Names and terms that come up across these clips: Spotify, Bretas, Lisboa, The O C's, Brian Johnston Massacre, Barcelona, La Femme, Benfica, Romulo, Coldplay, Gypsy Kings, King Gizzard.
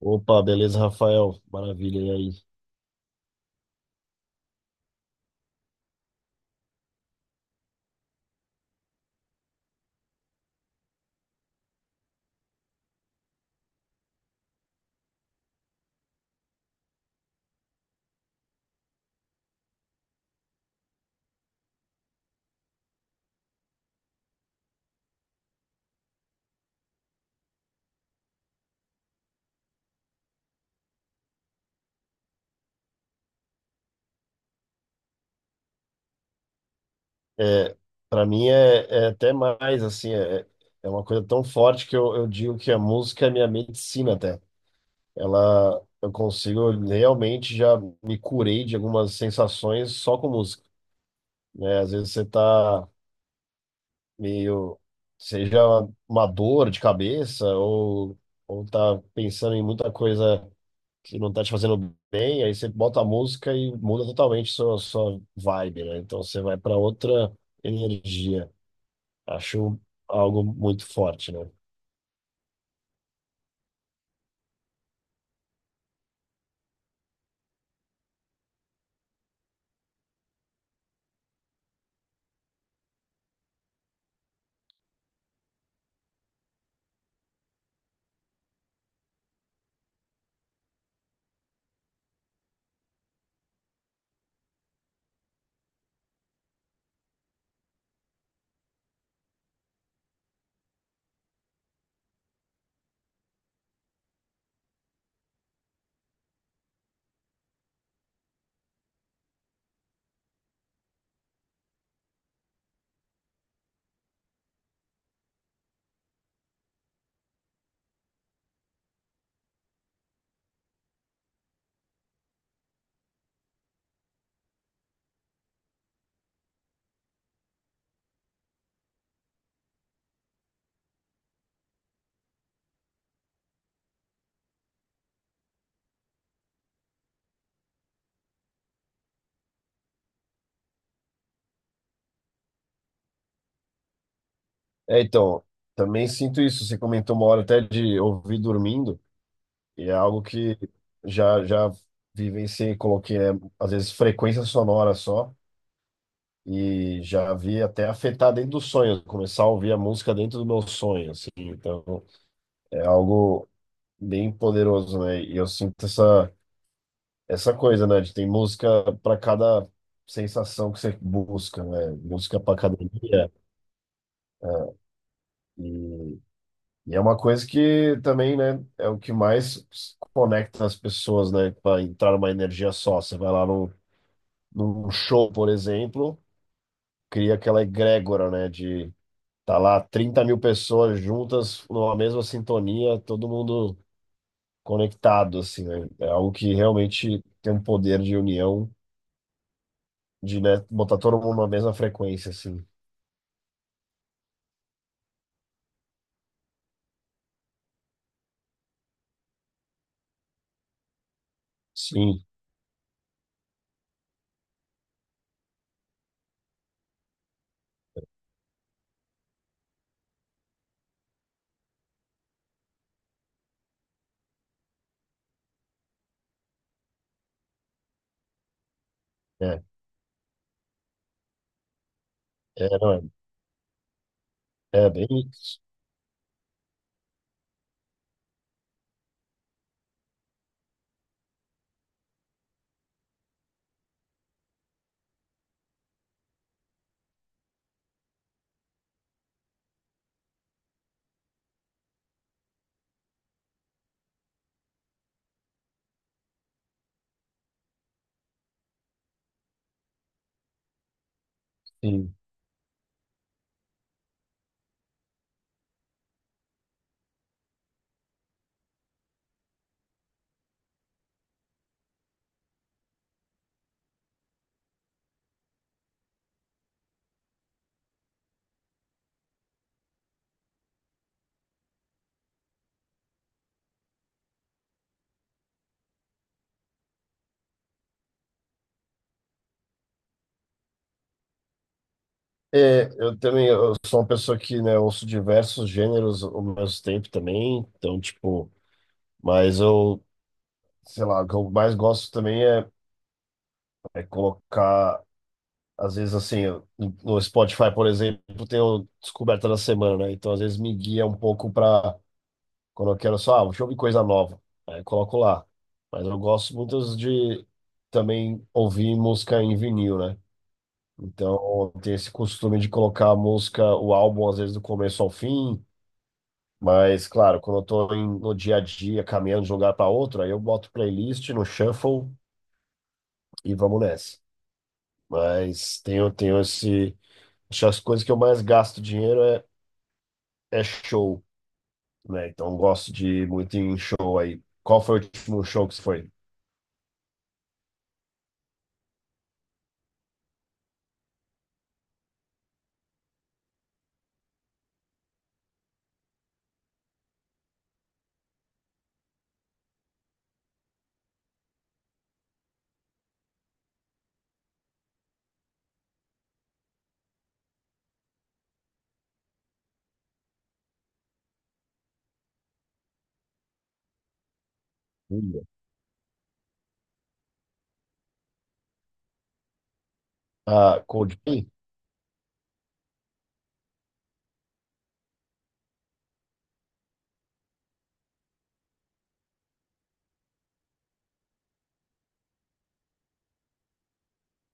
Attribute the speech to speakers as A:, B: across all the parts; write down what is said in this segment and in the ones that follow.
A: Opa, beleza, Rafael? Maravilha, e aí? É, para mim é até mais, assim, é, é uma coisa tão forte que eu digo que a música é minha medicina até. Ela, eu consigo, eu realmente já me curei de algumas sensações só com música, né? Às vezes você tá meio, seja uma dor de cabeça ou tá pensando em muita coisa que não tá te fazendo bem, aí você bota a música e muda totalmente sua vibe, né? Então você vai para outra energia. Acho algo muito forte, né? É, então, também sinto isso. Você comentou uma hora até de ouvir dormindo, e é algo que já vivenciei, coloquei, né? Às vezes frequência sonora só. E já vi até afetar dentro do sonho, começar a ouvir a música dentro do meu sonho, assim. Então, é algo bem poderoso, né? E eu sinto essa coisa, né? De tem música para cada sensação que você busca, né? Música para cada dia. E, e é uma coisa que também, né, é o que mais conecta as pessoas, né, para entrar numa energia só. Você vai lá no, num show, por exemplo, cria aquela egrégora, né, de tá lá 30 mil pessoas juntas numa mesma sintonia, todo mundo conectado, assim, né? É algo que realmente tem um poder de união, de, né, botar todo mundo na mesma frequência, assim. Sim, é, é, não, é, é bem isso. Sim. É, eu também, eu sou uma pessoa que, né, ouço diversos gêneros ao mesmo tempo também, então, tipo, mas eu, sei lá, o que eu mais gosto também é, é colocar, às vezes, assim, eu- no Spotify, por exemplo, tem o Descoberta da Semana, né, então, às vezes, me guia um pouco para quando eu quero só, ah, deixa eu ouvir coisa nova, aí eu coloco lá, mas eu gosto muito de também ouvir música em vinil, né. Então, tem esse costume de colocar a música, o álbum, às vezes, do começo ao fim. Mas, claro, quando eu tô em- no dia a dia, caminhando de um lugar para outro, aí eu boto playlist no shuffle e vamos nessa. Mas tenho, tenho esse... Acho que as coisas que eu mais gasto dinheiro é, é show, né? Então, eu gosto de ir muito em show aí. Qual foi o último show que você foi? Olha. Ah, Coldplay?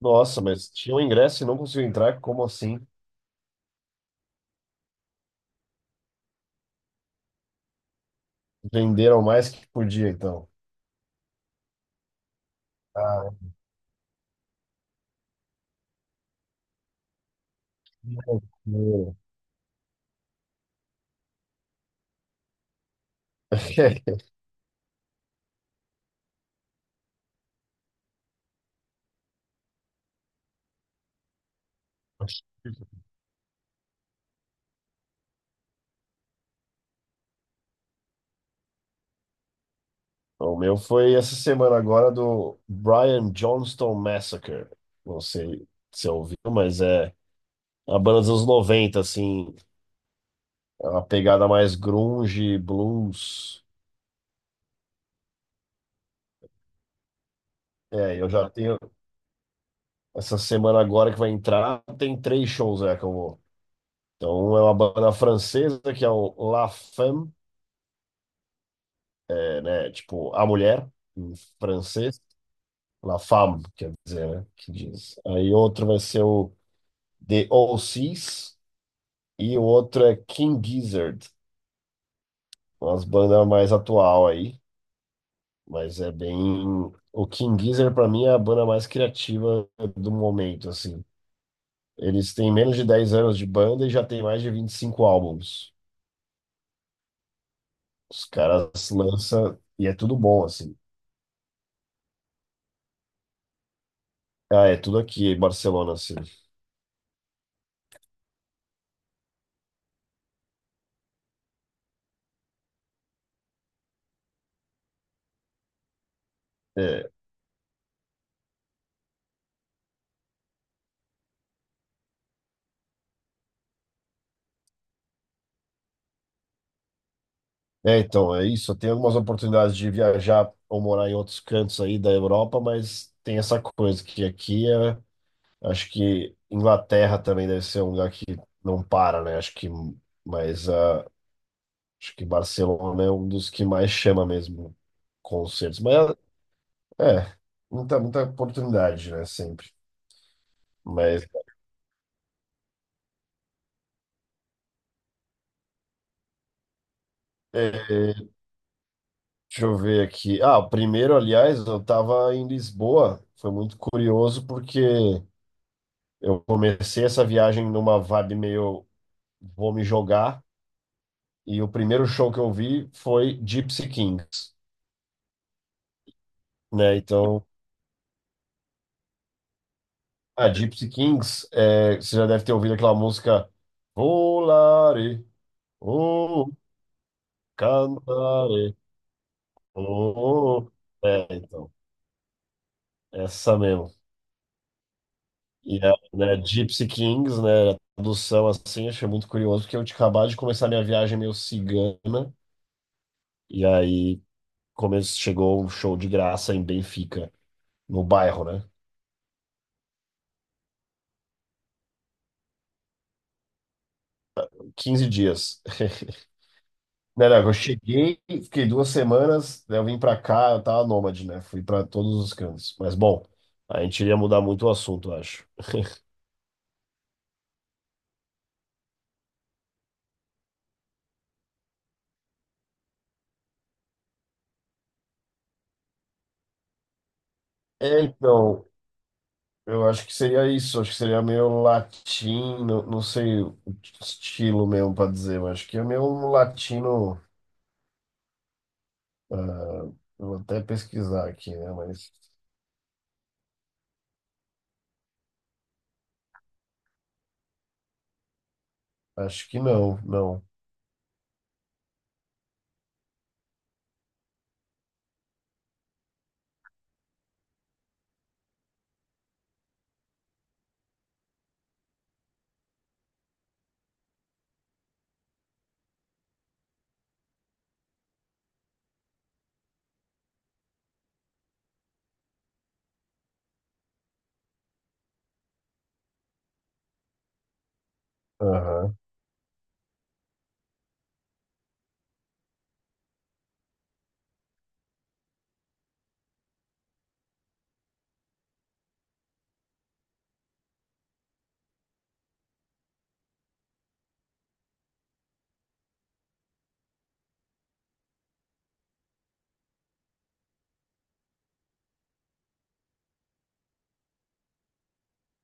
A: Nossa, mas tinha um ingresso e não conseguiu entrar. Como assim? Venderam mais que podia, então. Ah, meu. O meu foi essa semana agora do Brian Johnston Massacre. Não sei se você ouviu, mas é a banda dos anos 90, assim, é uma pegada mais grunge, blues. É, eu já tenho essa semana agora que vai entrar, tem três shows é que eu vou. Então é uma banda francesa que é o La Femme, é, né, tipo a mulher em francês, La Femme, quer dizer, né, que diz. Aí outro vai ser o The O C's e o outro é King Gizzard, umas bandas mais atual aí, mas é bem. O King Gizzard pra mim é a banda mais criativa do momento, assim. Eles têm menos de 10 anos de banda e já tem mais de 25 álbuns. Os caras lançam e é tudo bom, assim. Ah, é tudo aqui em Barcelona, assim. É, é, então, é isso. Eu tenho algumas oportunidades de viajar ou morar em outros cantos aí da Europa, mas tem essa coisa que aqui é. Acho que Inglaterra também deve ser um lugar que não para, né? Acho que, mas ah, acho que Barcelona é um dos que mais chama mesmo concertos. Mas é, muita oportunidade, né? Sempre. Mas é, deixa eu ver aqui. Ah, o primeiro, aliás, eu estava em Lisboa. Foi muito curioso porque eu comecei essa viagem numa vibe meio vou me jogar. E o primeiro show que eu vi foi Gypsy Kings, né? Então. Ah, Gypsy Kings, é, você já deve ter ouvido aquela música Volare, oh, cantare, oh, oh. É, então, essa mesmo. E a, né, Gypsy Kings, né, a tradução assim, achei muito curioso, porque eu tinha acabado de começar minha viagem meio cigana, e aí come- chegou um show de graça em Benfica, no bairro, né? 15 dias. Não, não, eu cheguei, fiquei duas semanas, daí eu vim pra cá, eu tava nômade, né? Fui pra todos os cantos. Mas, bom, a gente iria mudar muito o assunto, eu acho. É, então, eu acho que seria isso, acho que seria meio latino, não sei o estilo mesmo pra dizer, mas acho que é meio um latino. Ah, eu vou até pesquisar aqui, né? Mas acho que não, não. Aham.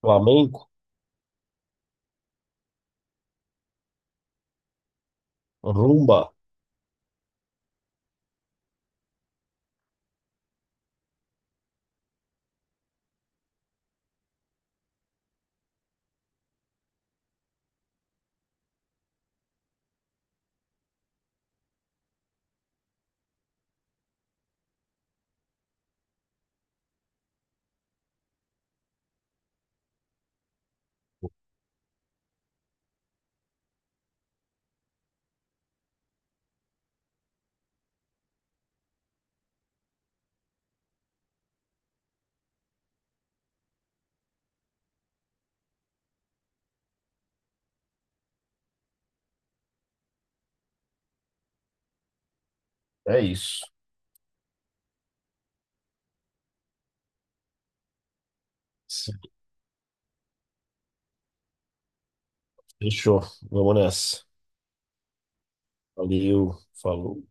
A: Flamenco, rumba, é isso. Fechou, vamos nessa. Valeu, falou.